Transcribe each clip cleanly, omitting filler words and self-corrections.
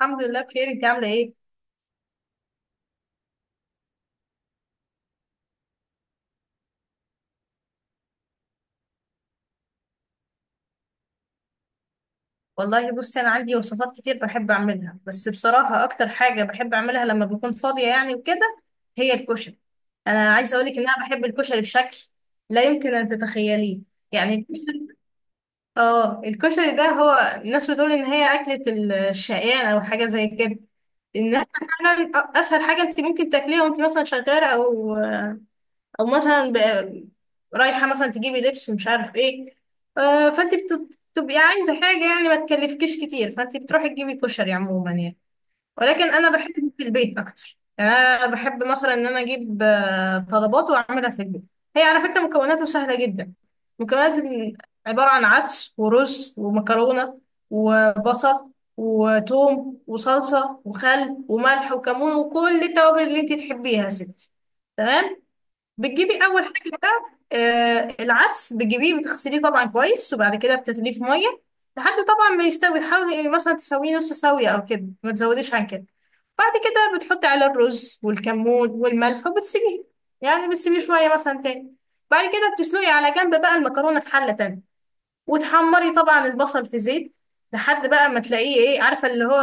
الحمد لله بخير، انت عامله ايه؟ والله بصي، انا عندي وصفات كتير بحب اعملها، بس بصراحه اكتر حاجه بحب اعملها لما بكون فاضيه يعني وكده هي الكشري. انا عايزه اقول لك ان انا بحب الكشري بشكل لا يمكن ان تتخيليه. يعني اه الكشري ده، هو الناس بتقول ان هي اكله الشقيان او حاجه زي كده. انها فعلا اسهل حاجه انت ممكن تاكليها وانت مثلا شغاله او مثلا رايحه مثلا تجيبي لبس ومش عارف ايه. فانت بتبقي عايزه حاجه، يعني ما تكلفكيش كتير، فانت بتروحي تجيبي كشري عموما يعني. ولكن انا بحب في البيت اكتر، يعني انا بحب مثلا ان انا اجيب طلبات واعملها في البيت. هي على فكره مكوناته سهله جدا. مكونات عباره عن عدس ورز ومكرونه وبصل وتوم وصلصه وخل وملح وكمون وكل التوابل اللي انت تحبيها يا ستي. تمام. بتجيبي اول حاجه بقى آه العدس، بتجيبيه بتغسليه طبعا كويس، وبعد كده بتغليه في ميه لحد طبعا ما يستوي. حاولي مثلا تسويه نص سويه او كده، ما تزوديش عن كده. بعد كده بتحطي على الرز والكمون والملح وبتسيبيه، يعني بتسيبيه شويه مثلا تاني. بعد كده بتسلقي على جنب بقى المكرونه في حله تانية، وتحمري طبعا البصل في زيت لحد بقى ما تلاقيه ايه عارفه اللي هو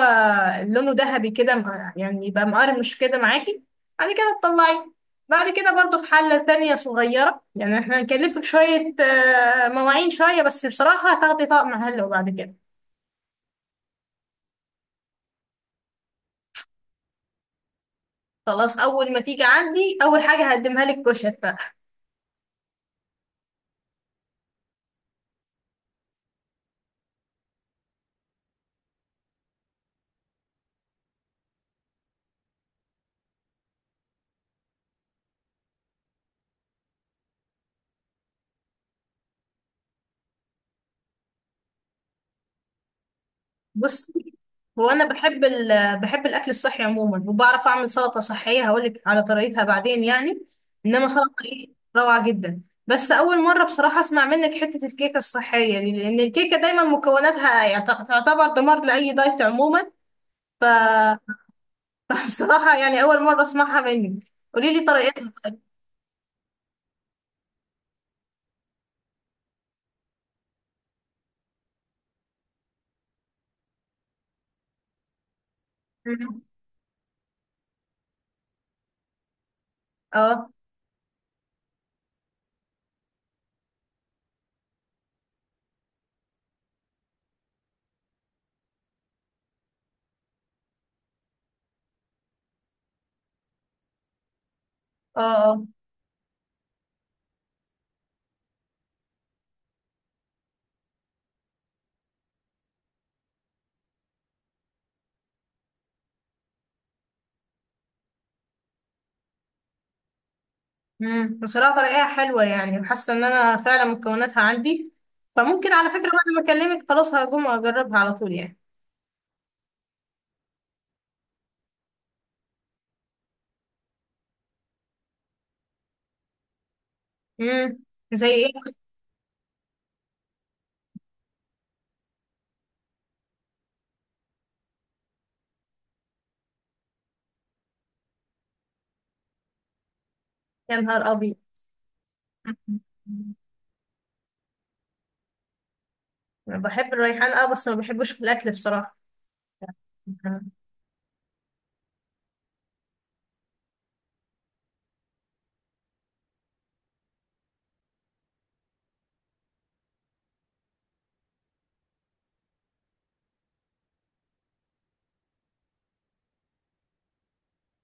لونه ذهبي كده، يعني يبقى مقرمش كده معاكي. بعد كده تطلعيه. بعد كده برضو في حله تانية صغيره، يعني احنا هنكلفك شويه مواعين شويه، بس بصراحه هتاخدي طقم حلو بعد كده. خلاص اول ما تيجي عندي اول حاجه هقدمها لك كشك. بص، هو انا بحب الاكل الصحي عموما، وبعرف اعمل سلطه صحيه، هقولك على طريقتها بعدين يعني. انما سلطه ايه، روعه جدا. بس اول مره بصراحه اسمع منك حته الكيكه الصحيه دي، لان الكيكه دايما مكوناتها تعتبر دمار لاي دايت عموما. ف بصراحه يعني اول مره اسمعها منك. قولي لي طريقتها. مم. اه، اه. اه. بصراحة طريقة حلوة، يعني وحاسة ان انا فعلا مكوناتها عندي، فممكن على فكرة بعد ما اكلمك خلاص هقوم اجربها على طول يعني. امم زي ايه؟ يا نهار ابيض. أنا بحب الريحان اه، بس ما بحبوش في الاكل بصراحة.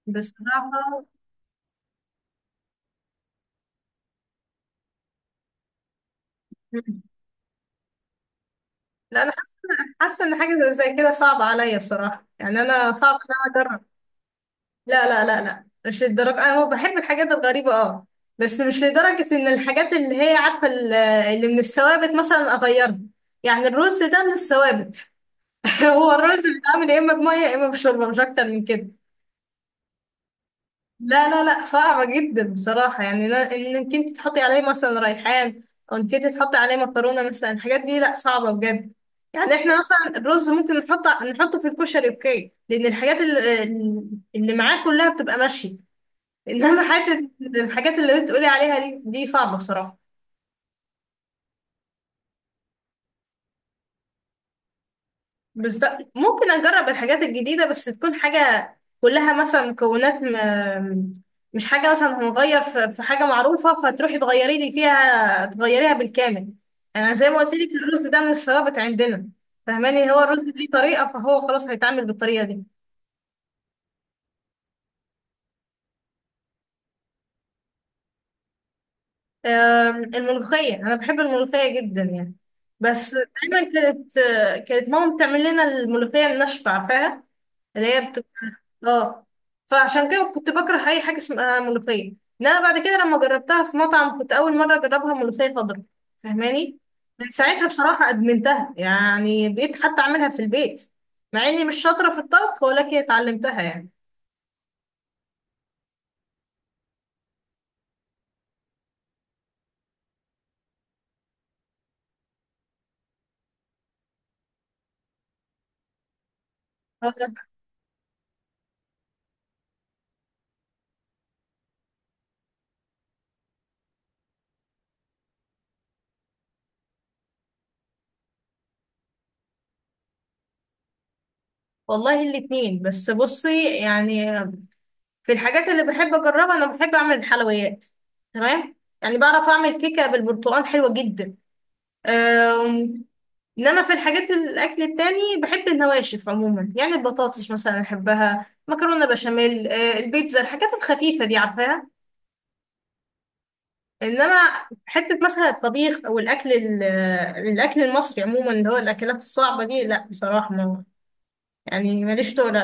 بصراحة. مم. لا انا حاسة ان حاجة زي كده صعبة عليا بصراحة، يعني انا صعب ان انا اجرب. لا، لا، لا، لا، مش للدرجة، أنا هو بحب الحاجات الغريبة اه، بس مش لدرجة إن الحاجات اللي هي عارفة اللي من الثوابت مثلا أغيرها. يعني الرز ده من الثوابت. هو الرز بيتعمل يا إما بمية يا إما بشوربة، مش أكتر من كده. لا، لا، لا، صعبة جدا بصراحة، يعني إنك أنت تحطي عليه مثلا ريحان، أو إنك أنت تحطي عليه مكرونة مثلا، الحاجات دي لا، صعبة بجد. يعني إحنا مثلا الرز ممكن نحطه في الكشري، أوكي، لأن الحاجات اللي معاه كلها بتبقى ماشية. انما حته الحاجات اللي بتقولي عليها دي صعبه بصراحه. بس ممكن اجرب الحاجات الجديده، بس تكون حاجه كلها مثلا مش حاجه مثلا هنغير في حاجه معروفه، فتروحي تغيري لي فيها تغيريها بالكامل. يعني انا زي ما قلت لك، الرز ده من الثوابت عندنا. فاهماني، هو الرز ليه طريقه، فهو خلاص هيتعامل بالطريقه دي. الملوخيه، انا بحب الملوخيه جدا يعني. بس دايما كانت ماما بتعمل لنا الملوخيه الناشفه عارفاها، اللي هي اه، فعشان كده كنت بكره اي حاجه اسمها ملوخيه. انما بعد كده لما جربتها في مطعم، كنت اول مره اجربها ملوخيه خضراء. فاهماني، من ساعتها بصراحه ادمنتها، يعني بقيت حتى اعملها في البيت، مع اني مش شاطره في الطبخ ولكن اتعلمتها يعني. آه، والله الاتنين، بس بصي يعني، في الحاجات اللي بحب اجربها انا بحب اعمل الحلويات، تمام. يعني بعرف اعمل كيكه بالبرتقال حلوه جدا. اللي انا في الحاجات الاكل التاني بحب النواشف عموما، يعني البطاطس مثلا احبها، مكرونه بشاميل، البيتزا، الحاجات الخفيفه دي عارفاها. انما حته مثلا الطبيخ او الاكل الاكل المصري عموما، اللي هو الاكلات الصعبه دي لا، بصراحه ما يعني ماليش تقول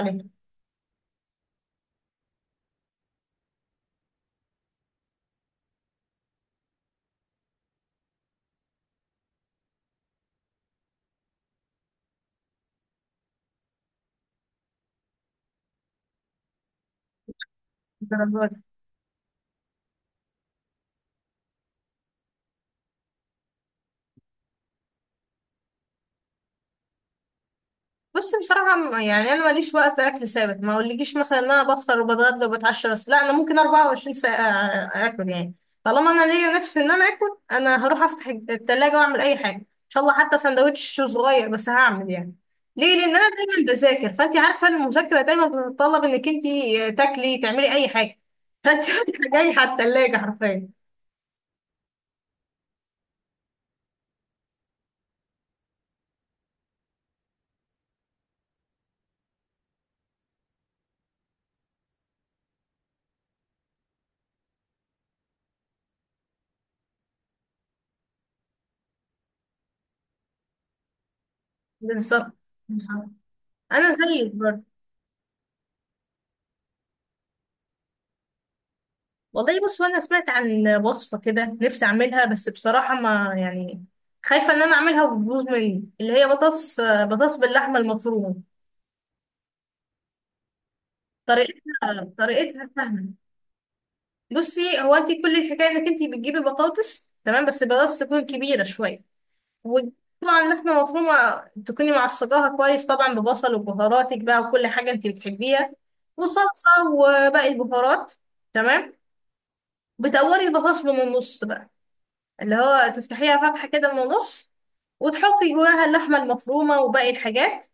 عليها. بص بصراحة، يعني أنا ماليش وقت أكل ثابت. ما أقولكيش مثلا إن أنا بفطر وبتغدى وبتعشى، بس لا، أنا ممكن 24 ساعة آكل يعني. طالما أنا ليا نفسي إن أنا آكل، أنا هروح أفتح التلاجة وأعمل أي حاجة إن شاء الله، حتى سندوتش صغير بس هعمل يعني. ليه؟ لأن أنا دايما بذاكر، فأنت عارفة المذاكرة دايما بتتطلب إنك أنت تاكلي تعملي أي حاجة. فأنت رايحة جاية على التلاجة حرفيا. بالظبط، بالظبط. أنا زيك برضه. والله بص، هو انا سمعت عن وصفه كده نفسي اعملها، بس بصراحه ما يعني خايفه ان انا اعملها وتبوظ مني، اللي هي بطاطس باللحمه المفرومه. طريقتها سهله. بصي هو انت كل الحكايه انك انت بتجيبي بطاطس، تمام، بس البطاطس تكون كبيره شويه، وطبعا لحمه مفرومه تكوني معصجاها كويس طبعا ببصل وبهاراتك بقى وكل حاجه انت بتحبيها، وصلصه وباقي البهارات، تمام. بتقوري البطاطس من النص بقى، اللي هو تفتحيها فتحة كده من النص، وتحطي جواها اللحمة المفرومة وباقي الحاجات،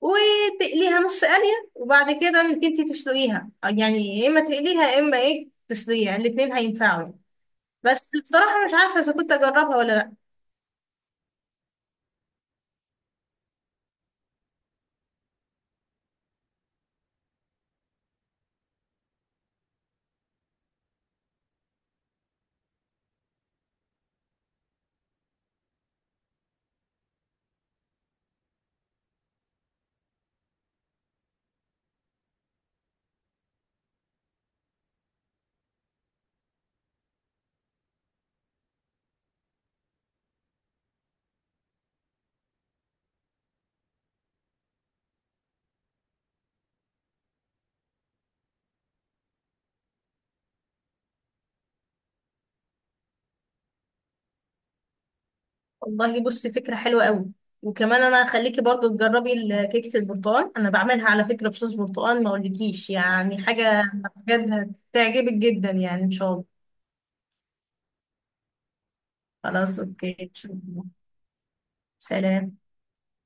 وتقليها نص قلية، وبعد كده انك انتي تسلقيها، يعني يا اما تقليها يا اما ايه تسلقيها، يعني الاتنين هينفعوا يعني. بس بصراحة مش عارفة اذا كنت اجربها ولا لا. والله بصي فكرة حلوة قوي، وكمان انا هخليكي برضو تجربي كيكة البرتقال، انا بعملها على فكرة بصوص برتقال، ما اقولكيش يعني حاجة. بجد هتعجبك جدا يعني ان شاء الله. خلاص اوكي، شكراً. سلام